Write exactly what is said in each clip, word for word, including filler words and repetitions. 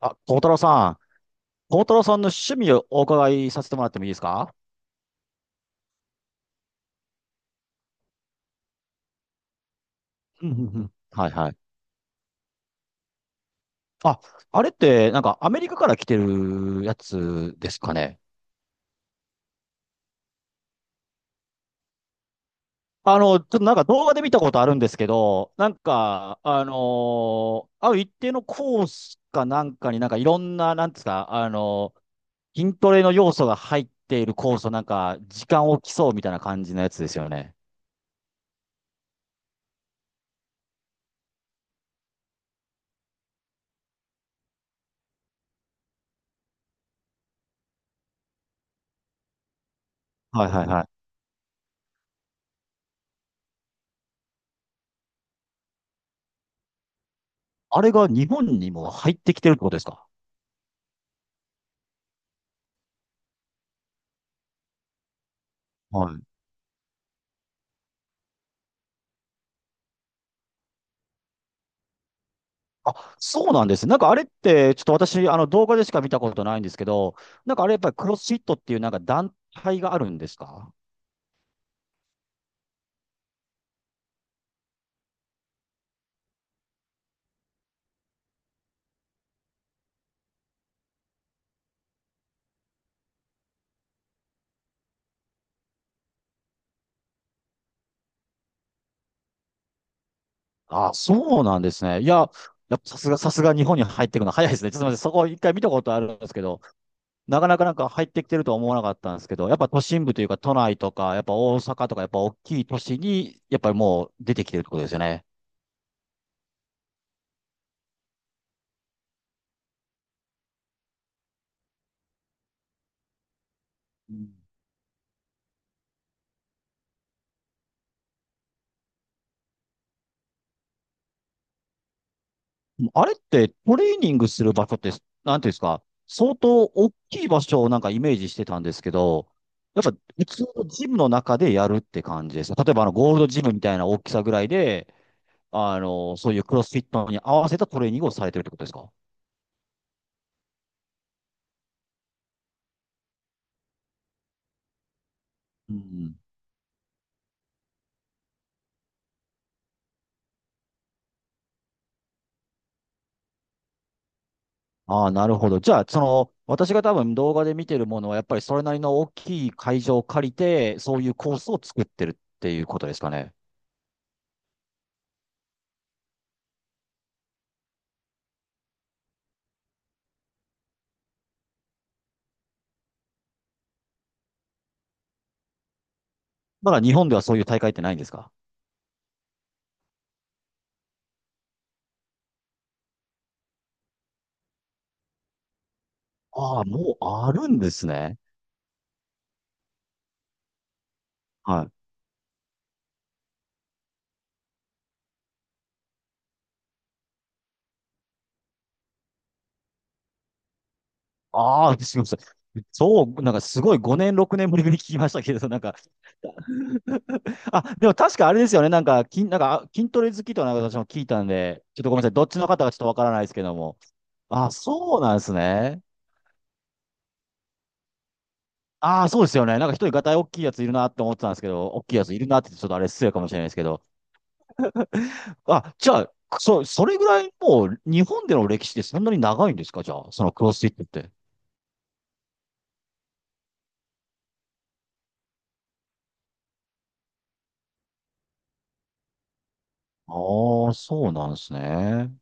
あ、孝太郎さん、孝太郎さんの趣味をお伺いさせてもらってもいいですか？うんうんうん。はいはい。あ、あれって、なんかアメリカから来てるやつですかね。あの、ちょっとなんか動画で見たことあるんですけど、なんか、あのーある一定のコースかなんかになんかいろんな、なんですか、あのー筋トレの要素が入っているコースをなんか、時間を競うみたいな感じのやつですよね。はいはいはい。あれが日本にも入ってきてるってことですか？はい。あ、そうなんですね。なんかあれって、ちょっと私、あの動画でしか見たことないんですけど、なんかあれやっぱりクロスフィットっていうなんか団体があるんですか？あ、そうなんですね。いや、やっぱさすが、さすが日本に入ってくるの早いですね。ちょっと待って、そこ一回見たことあるんですけど、なかなかなんか入ってきてるとは思わなかったんですけど、やっぱ都心部というか都内とか、やっぱ大阪とか、やっぱ大きい都市に、やっぱりもう出てきてるってことですよね。あれってトレーニングする場所って、なんていうんですか、相当大きい場所をなんかイメージしてたんですけど、やっぱ普通のジムの中でやるって感じです。例えばあのゴールドジムみたいな大きさぐらいで、あの、そういうクロスフィットに合わせたトレーニングをされてるってことですか？うん。ああ、なるほど。じゃあ、その、私が多分動画で見てるものは、やっぱりそれなりの大きい会場を借りて、そういうコースを作ってるっていうことですかね。まだ日本ではそういう大会ってないんですか？ああ、もうあるんですね。はい。ああ、すみません。そう、なんかすごいごねん、ろくねんぶりに聞きましたけど、なんか、あ、でも確かあれですよね、なんか、筋、なんか、あ筋トレ好きとなんか私も聞いたんで、ちょっとごめんなさい、どっちの方がちょっとわからないですけども。あ、そうなんですね。ああ、そうですよね。なんか一人ガタイ大きいやついるなって思ってたんですけど、大きいやついるなってちょっとあれ失礼かもしれないですけど。あ、じゃあ、そ、それぐらいもう日本での歴史ってそんなに長いんですか？じゃあ、そのクロスフィットって。ああ、そうなんですね。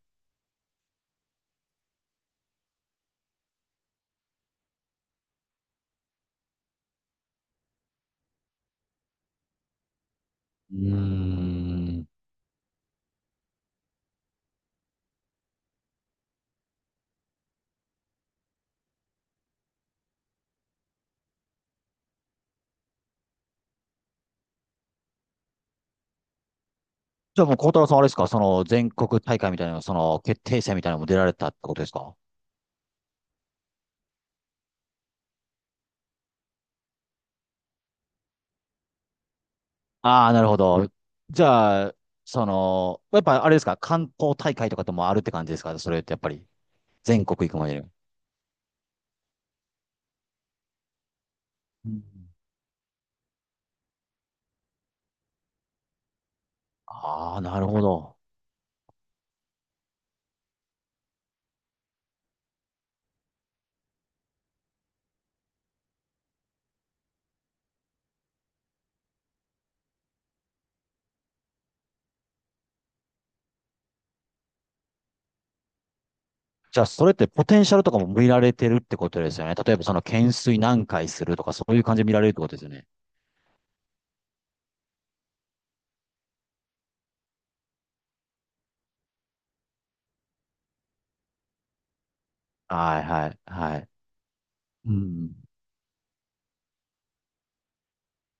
うーん。じゃあもう、孝太郎さんはあれですか、その全国大会みたいな、その決定戦みたいなのも出られたってことですか？ああー、なるほど。じゃあ、その、やっぱあれですか、関東大会とかともあるって感じですか？それってやっぱり、全国行くまでに。うん。ああ、なるほど。じゃあ、それってポテンシャルとかも見られてるってことですよね。例えば、その、懸垂何回するとか、そういう感じで見られるってことですよね。はい、はい、はい。うん。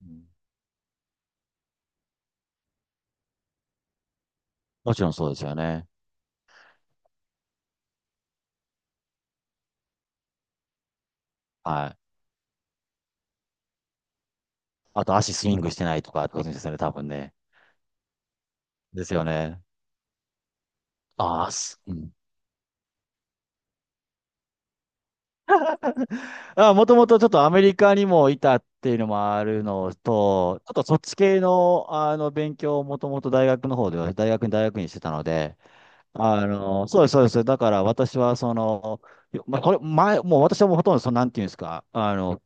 うん。もちろんそうですよね。はい。あと、足スイングしてないとか、ってことですよね、多分ね。ですよね。ああ、すうん。あ、もともとちょっとアメリカにもいたっていうのもあるのと、あとそっち系の、あの勉強をもともと大学の方では、大学に大学院してたので、あの、そうです、そうです。だから私はその、まあ、これ前、もう私はもうほとんどその、なんていうんですか、あの、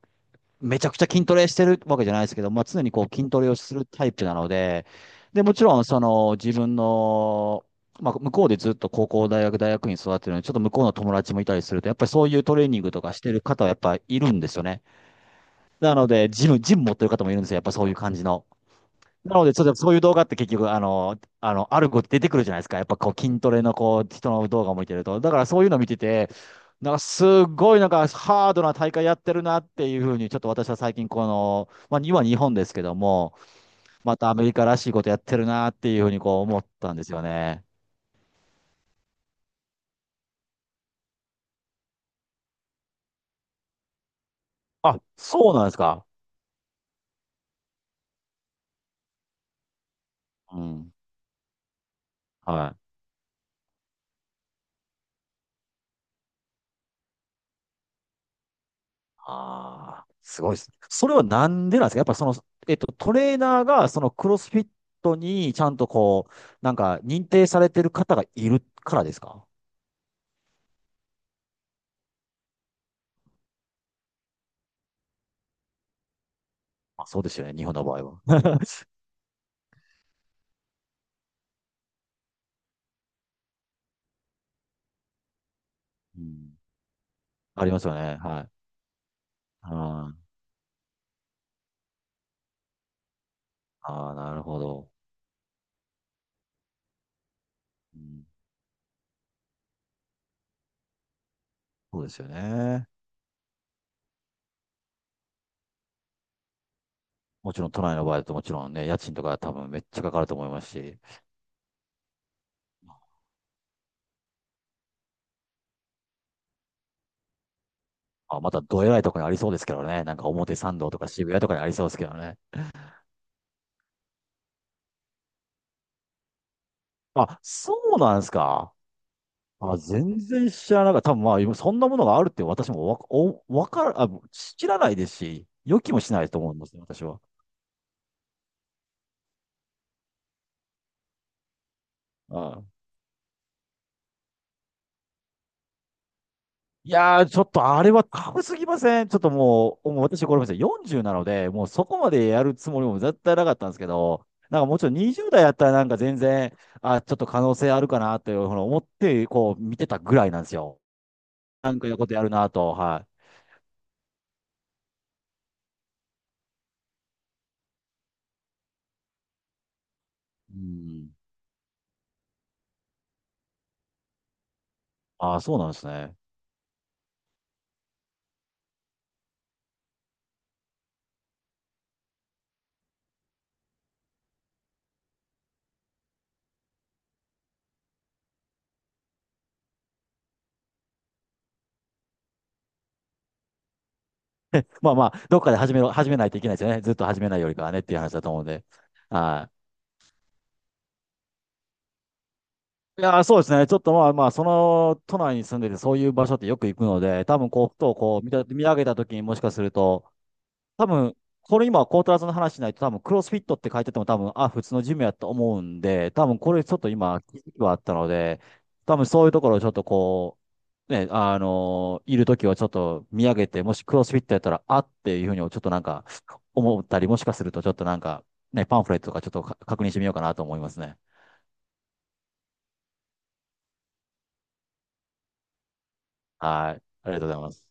めちゃくちゃ筋トレしてるわけじゃないですけど、まあ、常にこう筋トレをするタイプなので、で、もちろん、その、自分の、まあ、向こうでずっと高校、大学、大学院育ってるので、ちょっと向こうの友達もいたりすると、やっぱりそういうトレーニングとかしてる方はやっぱいるんですよね。なので、ジム、ジム持ってる方もいるんですよ。やっぱそういう感じの。なので、ちょっとそういう動画って結局、あの、あの、ある子出てくるじゃないですか。やっぱこう筋トレのこう人の動画を見てると。だからそういうの見てて、なんかすごいなんかハードな大会やってるなっていうふうに、ちょっと私は最近この、まあ今日本ですけども、またアメリカらしいことやってるなっていうふうにこう思ったんですよね。あ、そうなんですか。うん。はい。ああ、すごいですね。それはなんでなんですか？やっぱその、えっと、トレーナーがそのクロスフィットにちゃんとこう、なんか認定されてる方がいるからですか？あ、そうですよね。日本の場合は。うん。ありますよね。はい。ああ、なるほど。うん。そうですよね。もちろん都内の場合だともちろんね、家賃とか多分めっちゃかかると思いますし、あ、またどえらいとこにありそうですけどね。なんか表参道とか渋谷とかにありそうですけどね。あ、そうなんですか。あ、全然知らなかった。多分まあ、今そんなものがあるって私もわ、お、わから、あ、知らないですし、予期もしないと思うんですね、私は。ああ。いやー、ちょっとあれはタすぎません。ちょっともう、もう私これまでよんじゅうなので、もうそこまでやるつもりも絶対なかったんですけど、なんかもうちろんにじゅうだい代やったらなんか全然、あ、ちょっと可能性あるかなというふうに思って、こう見てたぐらいなんですよ。なんかいうことやるなと、はい。うん。ああ、そうなんですね。まあまあ、どっかで始めろ、始めないといけないですよね。ずっと始めないよりかはねっていう話だと思うんで。はい。いやー、そうですね。ちょっとまあまあ、その都内に住んでて、そういう場所ってよく行くので、多分こう、ふとこう見た、見上げた時にもしかすると、多分、これ今、コートラーの話しないと、多分、クロスフィットって書いてても、多分、あ、普通のジムやと思うんで、多分、これちょっと今、気づきはあったので、多分、そういうところをちょっとこう、ね、あのいるときはちょっと見上げて、もしクロスフィットやったら、あっていうふうに、ちょっとなんか、思ったり、もしかすると、ちょっとなんか、ね、パンフレットとかちょっとか確認してみようかなと思いますね。はい。ありがとうございます。